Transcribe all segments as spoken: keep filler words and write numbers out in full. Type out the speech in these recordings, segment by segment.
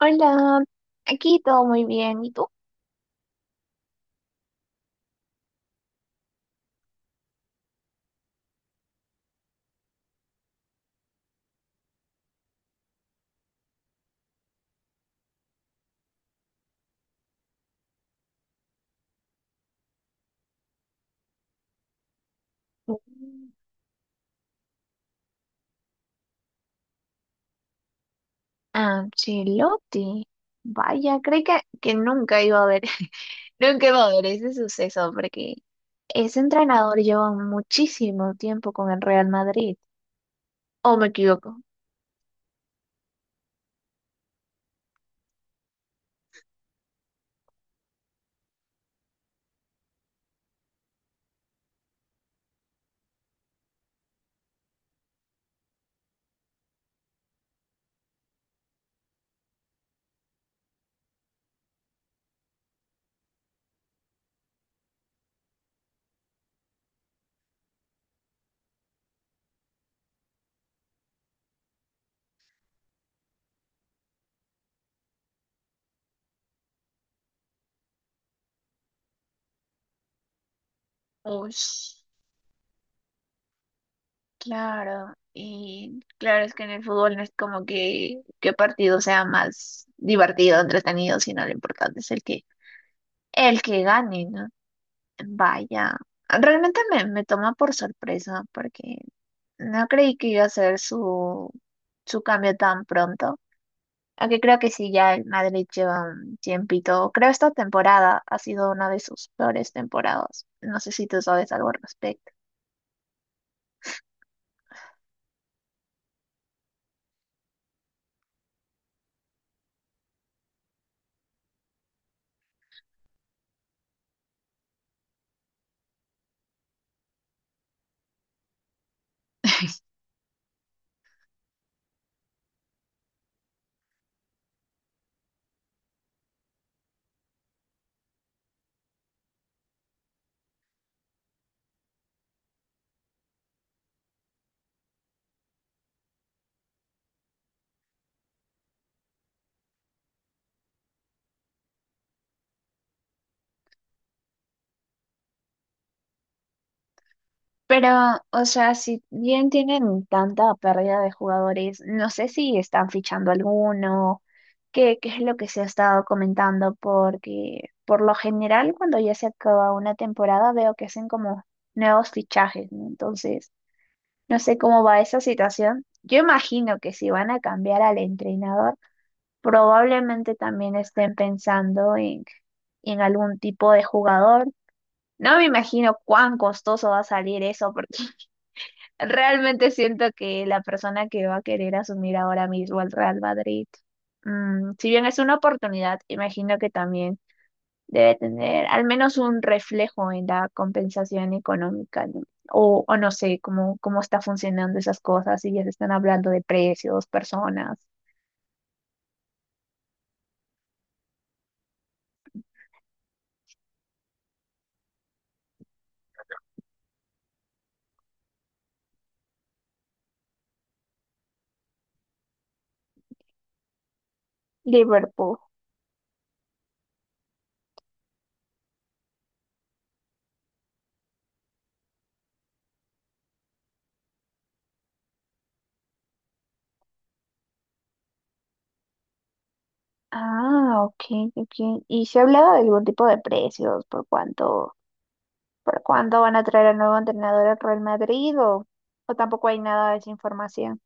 Hola, aquí todo muy bien. ¿Y tú? Mm. Ancelotti. Vaya, creí que, que nunca iba a ver, nunca iba a ver ese suceso, porque ese entrenador lleva muchísimo tiempo con el Real Madrid. ¿O me equivoco? Ush, claro, y claro es que en el fútbol no es como que qué partido sea más divertido, entretenido, sino lo importante es el que el que gane. Vaya, realmente me, me toma por sorpresa porque no creí que iba a ser su, su cambio tan pronto. Aunque creo que sí, ya el Madrid lleva un tiempito. Creo esta temporada ha sido una de sus peores temporadas. No sé si tú sabes algo al respecto. Pero, o sea, si bien tienen tanta pérdida de jugadores, no sé si están fichando alguno, qué, qué es lo que se ha estado comentando, porque por lo general cuando ya se acaba una temporada veo que hacen como nuevos fichajes, ¿no? Entonces, no sé cómo va esa situación. Yo imagino que si van a cambiar al entrenador, probablemente también estén pensando en, en algún tipo de jugador. No me imagino cuán costoso va a salir eso, porque realmente siento que la persona que va a querer asumir ahora mismo el Real Madrid, mm, si bien es una oportunidad, imagino que también debe tener al menos un reflejo en la compensación económica, ¿no? O, o no sé cómo, cómo está funcionando esas cosas, si ya se están hablando de precios, personas. Liverpool. Ah, ok, ok. ¿Y se ha hablado de algún tipo de precios? ¿Por cuánto, por cuánto van a traer al nuevo entrenador al Real Madrid? ¿O, ¿o tampoco hay nada de esa información?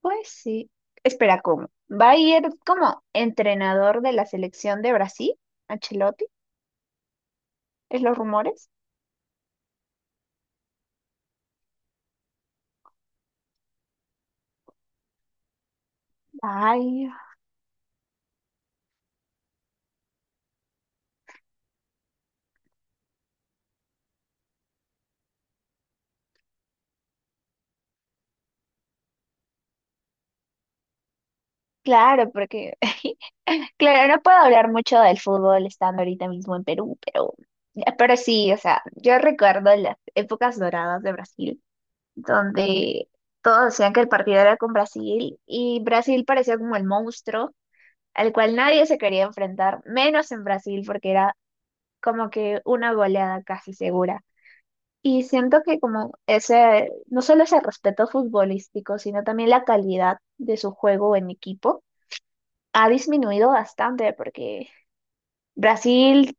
Pues sí. Espera, ¿cómo? ¿Va a ir como entrenador de la selección de Brasil, Ancelotti? ¿Es los rumores? Ay, claro, porque, claro, no puedo hablar mucho del fútbol estando ahorita mismo en Perú, pero, pero sí, o sea, yo recuerdo las épocas doradas de Brasil, donde todos decían que el partido era con Brasil y Brasil parecía como el monstruo al cual nadie se quería enfrentar, menos en Brasil, porque era como que una goleada casi segura. Y siento que como ese, no solo ese respeto futbolístico, sino también la calidad de su juego en equipo ha disminuido bastante porque Brasil,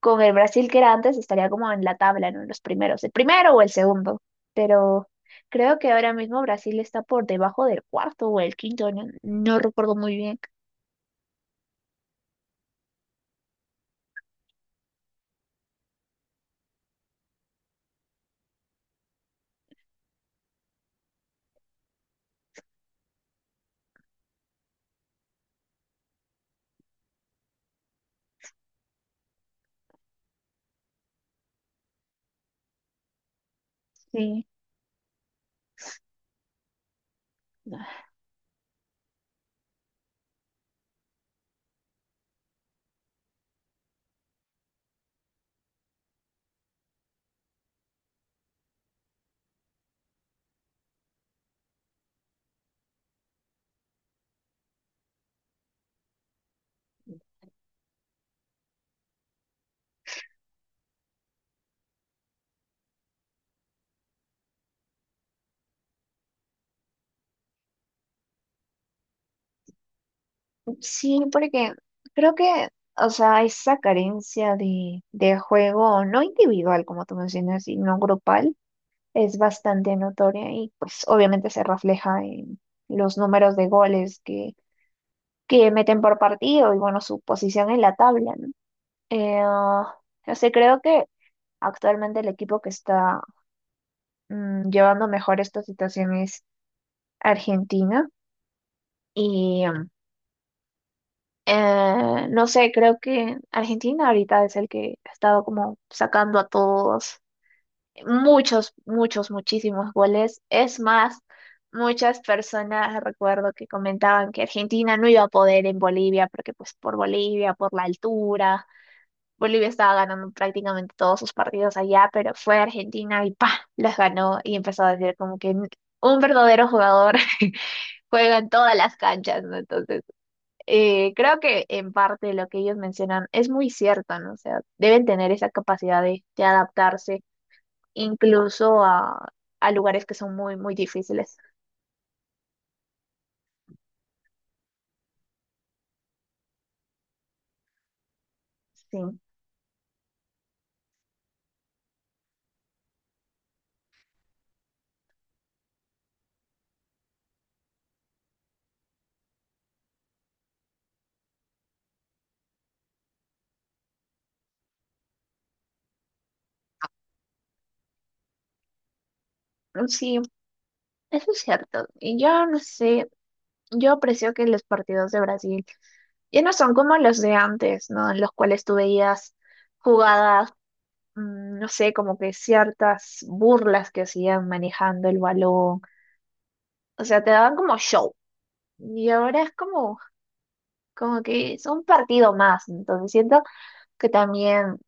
con el Brasil que era antes, estaría como en la tabla, ¿no? En los primeros, el primero o el segundo. Pero creo que ahora mismo Brasil está por debajo del cuarto o el quinto, no, no recuerdo muy bien. Sí. Sí, porque creo que, o sea, esa carencia de, de juego, no individual, como tú mencionas, sino grupal es bastante notoria y pues obviamente se refleja en los números de goles que, que meten por partido y bueno, su posición en la tabla, ¿no? Eh, ah, o sea, creo que actualmente el equipo que está mm, llevando mejor esta situación es Argentina y mm, eh, no sé, creo que Argentina ahorita es el que ha estado como sacando a todos muchos, muchos, muchísimos goles. Es más, muchas personas recuerdo que comentaban que Argentina no iba a poder en Bolivia, porque pues por Bolivia, por la altura, Bolivia estaba ganando prácticamente todos sus partidos allá, pero fue Argentina y ¡pa! Las ganó y empezó a decir como que un verdadero jugador juega en todas las canchas, ¿no? Entonces... eh, creo que en parte lo que ellos mencionan es muy cierto, ¿no? O sea, deben tener esa capacidad de de adaptarse incluso a, a lugares que son muy, muy difíciles. Sí, mm, sí, eso es cierto. Y yo no sé, yo aprecio que los partidos de Brasil ya no son como los de antes, ¿no? En los cuales tú veías jugadas, mm, no sé, como que ciertas burlas que hacían manejando el balón. O sea, te daban como show. Y ahora es como, como que es un partido más. Entonces siento que también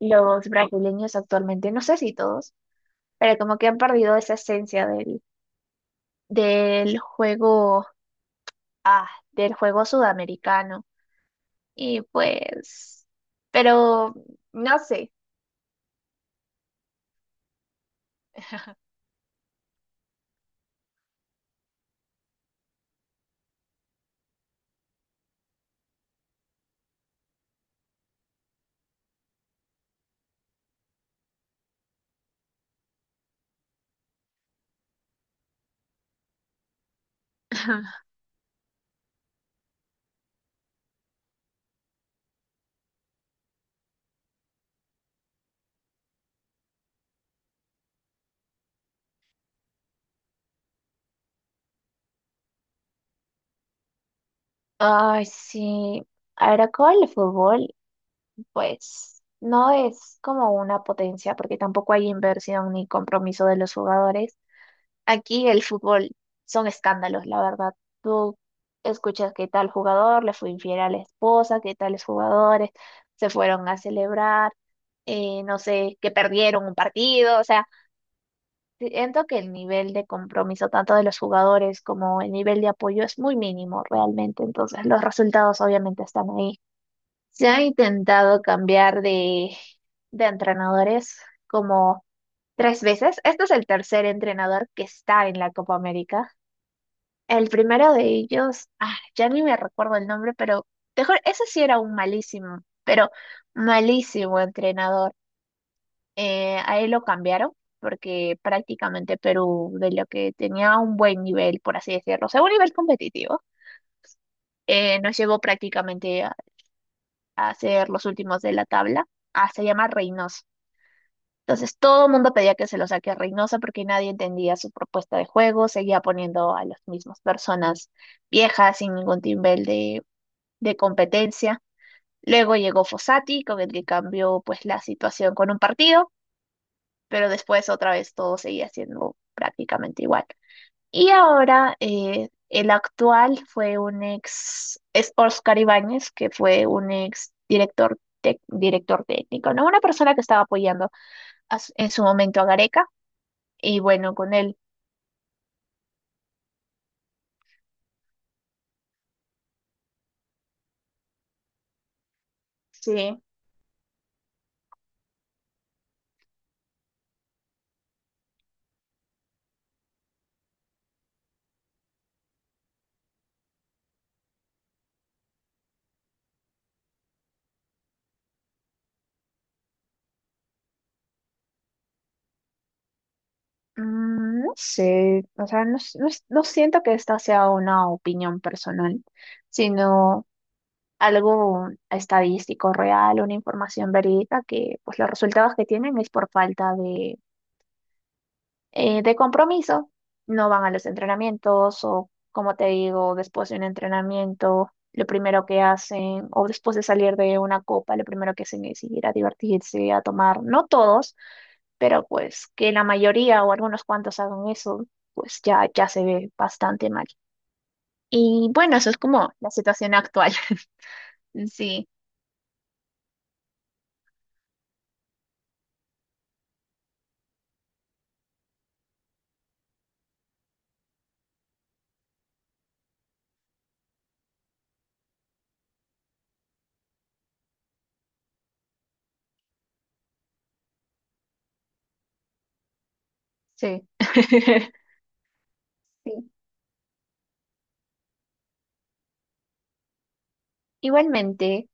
los brasileños actualmente, no sé si todos, pero como que han perdido esa esencia del, del juego, ah, del juego sudamericano. Y pues, pero no sé. Ay, sí. Ahora con el fútbol, pues no es como una potencia porque tampoco hay inversión ni compromiso de los jugadores. Aquí el fútbol son escándalos, la verdad. Tú escuchas que tal jugador le fue infiel a la esposa, que tales jugadores se fueron a celebrar, eh, no sé, que perdieron un partido. O sea, siento que el nivel de compromiso tanto de los jugadores como el nivel de apoyo es muy mínimo realmente. Entonces, los resultados obviamente están ahí. Se ha intentado cambiar de, de entrenadores como tres veces. Este es el tercer entrenador que está en la Copa América. El primero de ellos, ah, ya ni me recuerdo el nombre, pero mejor, ese sí era un malísimo, pero malísimo entrenador. Eh, a él lo cambiaron porque prácticamente Perú, de lo que tenía un buen nivel, por así decirlo, o sea, un nivel competitivo, eh, nos llevó prácticamente a, a ser los últimos de la tabla, ah, se llama Reynoso. Entonces todo el mundo pedía que se lo saque a Reynoso porque nadie entendía su propuesta de juego, seguía poniendo a las mismas personas viejas sin ningún nivel de de competencia. Luego llegó Fossati, con el que cambió pues la situación con un partido, pero después otra vez todo seguía siendo prácticamente igual. Y ahora eh, el actual fue un ex, es Óscar Ibáñez, que fue un ex director, tec- director técnico, ¿no? Una persona que estaba apoyando a su- en su momento a Gareca, y bueno, con él. Sí. Mm, no sé, o sea, no, s- no s- no siento que esta sea una opinión personal, sino algo estadístico real, una información verídica que pues los resultados que tienen es por falta de, eh, de compromiso, no van a los entrenamientos o como te digo, después de un entrenamiento, lo primero que hacen o después de salir de una copa, lo primero que hacen es ir a divertirse, a tomar, no todos, pero pues que la mayoría o algunos cuantos hagan eso, pues ya, ya se ve bastante mal. Y bueno, eso es como la situación actual. Sí, sí. Sí, igualmente.